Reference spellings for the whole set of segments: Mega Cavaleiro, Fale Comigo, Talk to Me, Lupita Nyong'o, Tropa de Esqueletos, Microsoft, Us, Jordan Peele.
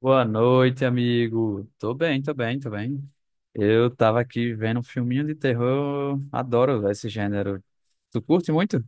Boa noite, amigo. Tô bem, tô bem, tô bem. Eu tava aqui vendo um filminho de terror. Adoro véi, esse gênero. Tu curte muito?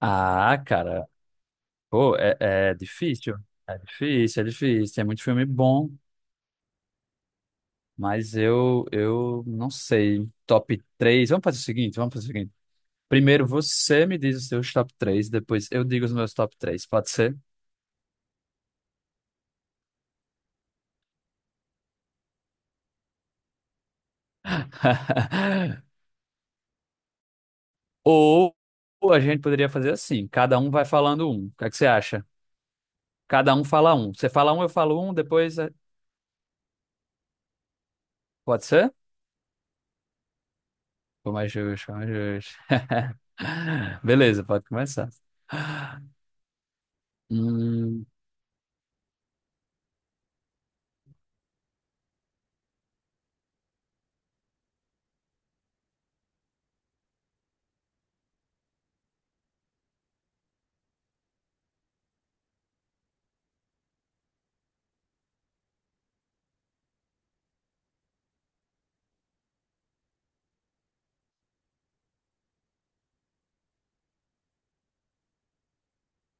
Ah, cara, pô, é difícil. É difícil, é difícil. Tem muito filme bom, mas eu não sei. Top 3. Vamos fazer o seguinte, vamos fazer o seguinte. Primeiro você me diz os seus top 3. Depois eu digo os meus top 3. Pode ser? Ou a gente poderia fazer assim, cada um vai falando um. O que é que você acha? Cada um fala um. Você fala um, eu falo um, depois. Pode ser? Foi mais justo, foi mais justo. Beleza, pode começar. Hum,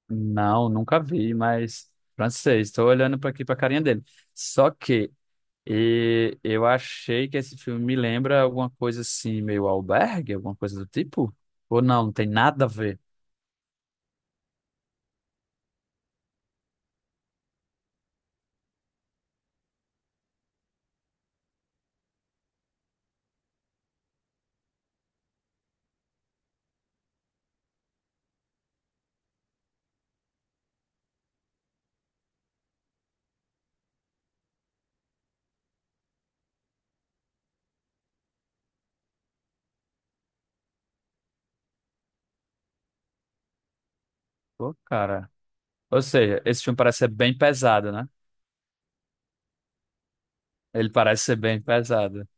não, nunca vi, mas francês. Estou olhando para aqui para a carinha dele. Só que eu achei que esse filme me lembra alguma coisa assim, meio albergue, alguma coisa do tipo? Ou não, não tem nada a ver. Pô, cara. Ou seja, esse filme parece ser bem pesado, né? Ele parece ser bem pesado.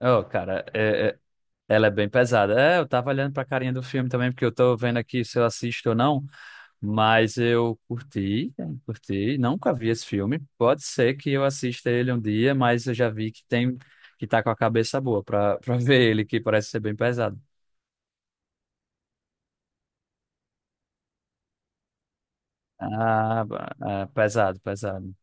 Ô, cara, é, Ela é bem pesada. É, eu tava olhando pra carinha do filme também, porque eu tô vendo aqui se eu assisto ou não, mas eu curti, nunca vi esse filme. Pode ser que eu assista ele um dia, mas eu já vi que tem que tá com a cabeça boa pra ver ele, que parece ser bem pesado. Ah, pesado, pesado.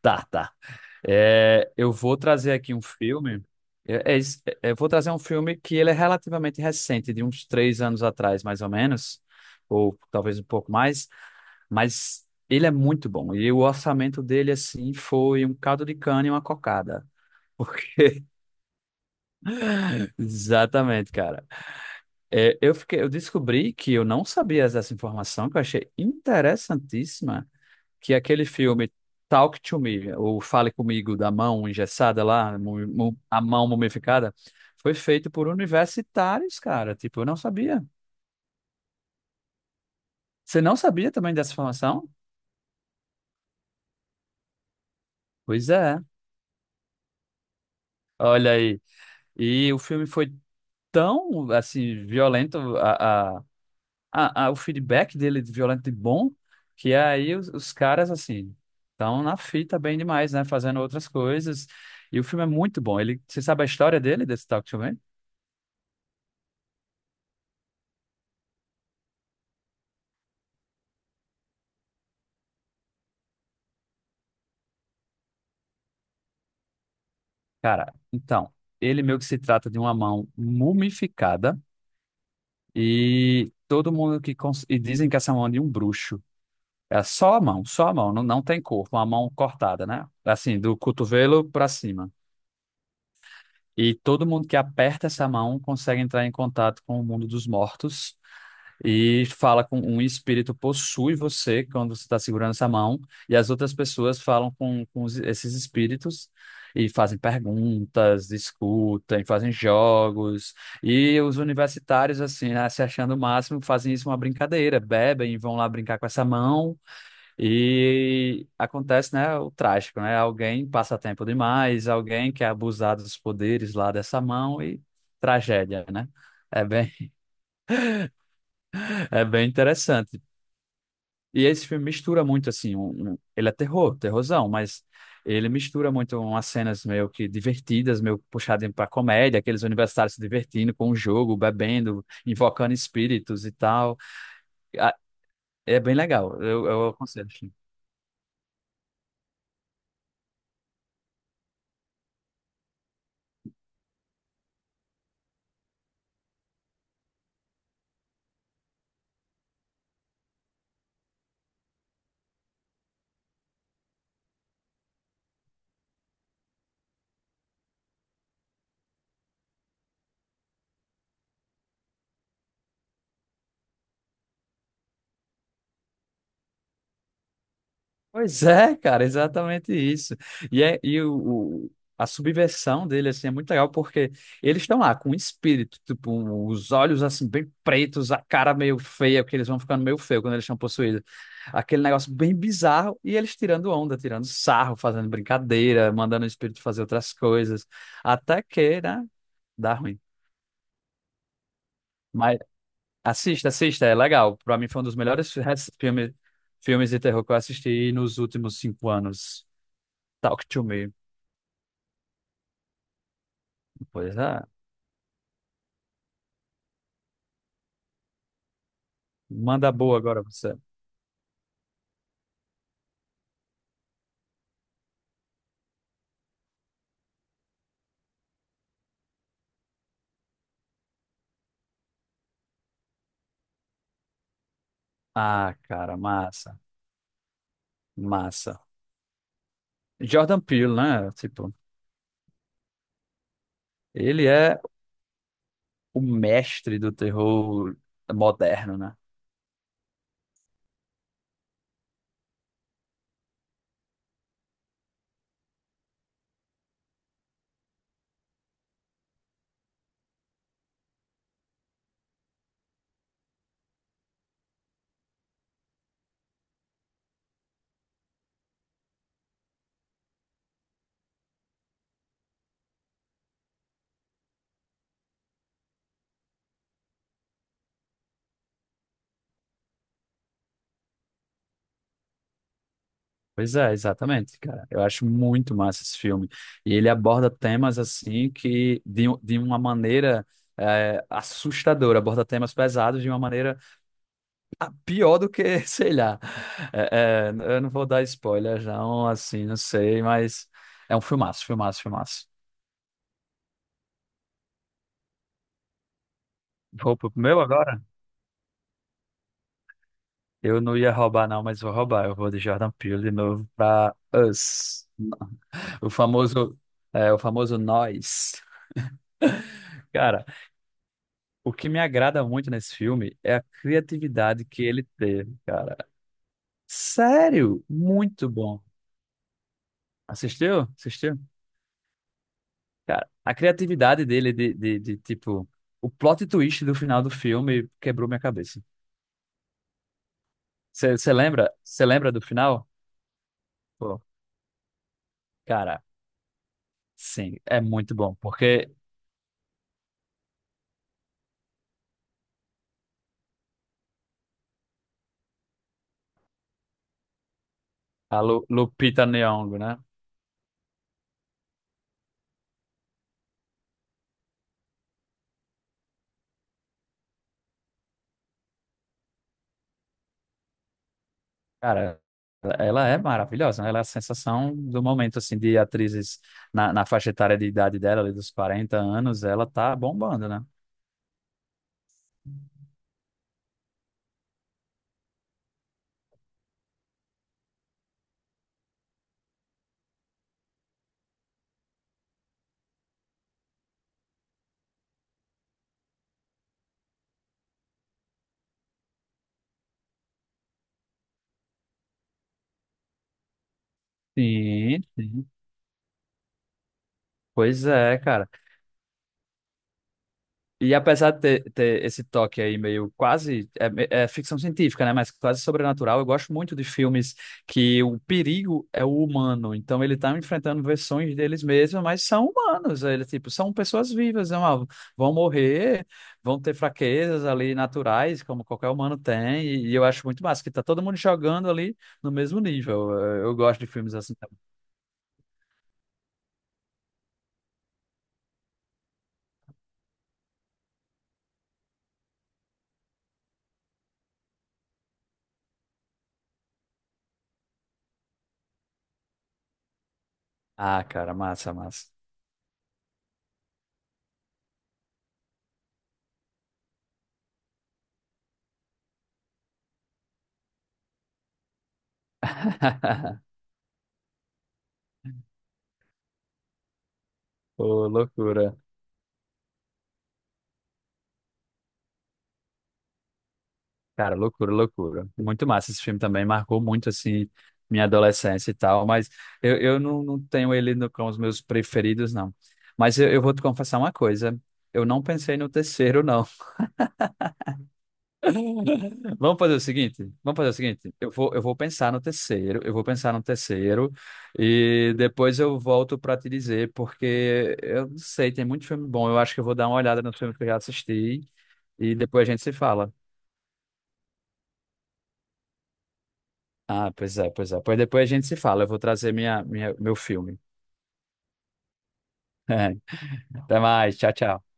Tá, tá. É, eu vou trazer aqui um filme. Eu, é isso, é, eu vou trazer um filme que ele é relativamente recente, de uns 3 anos atrás, mais ou menos, ou talvez um pouco mais. Mas ele é muito bom. E o orçamento dele, assim, foi um caldo de cana e uma cocada. Exatamente, cara. É, eu fiquei, eu descobri que eu não sabia dessa informação, que eu achei interessantíssima, que aquele filme Talk to Me, ou Fale Comigo, da mão engessada lá, a mão mumificada, foi feito por universitários, cara. Tipo, eu não sabia. Você não sabia também dessa informação? Pois é. Olha aí. E o filme foi tão assim violento a, o feedback dele de violento e bom, que aí os caras assim estão na fita bem demais, né? Fazendo outras coisas. E o filme é muito bom. Ele, você sabe a história dele, desse Talk to Me? Cara, então, ele meio que se trata de uma mão mumificada e todo mundo e dizem que essa mão é de um bruxo. É só a mão, não, não tem corpo, uma mão cortada, né? Assim, do cotovelo pra cima. E todo mundo que aperta essa mão consegue entrar em contato com o mundo dos mortos e fala com um espírito possui você quando você está segurando essa mão, e as outras pessoas falam com, com esses espíritos e fazem perguntas, discutem, fazem jogos. E os universitários, assim, né, se achando o máximo, fazem isso uma brincadeira, bebem e vão lá brincar com essa mão. E acontece, né, o trágico, né? Alguém passa tempo demais, alguém quer abusar dos poderes lá dessa mão e tragédia, né? É bem, é bem interessante. E esse filme mistura muito, assim, ele é terror, terrorzão, mas ele mistura muito umas cenas meio que divertidas, meio puxadas para comédia, aqueles universitários se divertindo com o jogo, bebendo, invocando espíritos e tal. Ah, é bem legal, eu aconselho, assim. Pois é, cara, exatamente isso. E a subversão dele, assim, é muito legal porque eles estão lá com o espírito, tipo, os olhos, assim, bem pretos, a cara meio feia, porque eles vão ficando meio feio quando eles estão possuídos. Aquele negócio bem bizarro e eles tirando onda, tirando sarro, fazendo brincadeira, mandando o espírito fazer outras coisas. Até que, né, dá ruim. Mas assista, assista, é legal. Pra mim foi um dos melhores filmes, filmes de terror que eu assisti nos últimos 5 anos. Talk to me. Pois é. Manda boa agora você. Ah, cara, massa, massa. Jordan Peele, né? Tipo, ele é o mestre do terror moderno, né? Pois é, exatamente, cara. Eu acho muito massa esse filme. E ele aborda temas assim que de uma maneira assustadora, aborda temas pesados de uma maneira pior do que, sei lá. É, é, eu não vou dar spoilers, não, assim, não sei, mas é um filmaço, filmaço, filmaço. Roupa pro meu agora? Eu não ia roubar, não, mas vou roubar. Eu vou de Jordan Peele de novo pra Us. O famoso, o famoso nós. Cara, o que me agrada muito nesse filme é a criatividade que ele teve, cara. Sério, muito bom. Assistiu? Assistiu? Cara, a criatividade dele de, tipo, o plot twist do final do filme quebrou minha cabeça. Você lembra? Você lembra do final? Pô, cara, sim, é muito bom, porque A Lupita Nyong'o, né? Cara, ela é maravilhosa, né? Ela é a sensação do momento, assim, de atrizes na faixa etária de idade dela, ali dos 40 anos, ela tá bombando, né? Sim, sim. Pois é, cara. E apesar de ter, esse toque aí meio quase é ficção científica, né? Mas quase sobrenatural, eu gosto muito de filmes que o perigo é o humano. Então ele tá enfrentando versões deles mesmos, mas são humanos. Ele tipo são pessoas vivas, né, mano? Vão morrer, vão ter fraquezas ali naturais, como qualquer humano tem. E eu acho muito massa que tá todo mundo jogando ali no mesmo nível. Eu gosto de filmes assim também. Ah, cara, massa, massa. Pô, loucura. Cara, loucura, loucura. Muito massa esse filme também, marcou muito, assim, minha adolescência e tal, mas eu não, não tenho ele no, com os meus preferidos, não. Mas eu vou te confessar uma coisa, eu não pensei no terceiro, não. Vamos fazer o seguinte, vamos fazer o seguinte, eu vou pensar no terceiro, eu vou pensar no terceiro, e depois eu volto pra te dizer, porque eu não sei, tem muito filme bom, eu acho que eu vou dar uma olhada nos filmes que eu já assisti, e depois a gente se fala. Ah, pois é, pois é. Pois depois a gente se fala. Eu vou trazer minha, meu filme. Até mais. Tchau, tchau.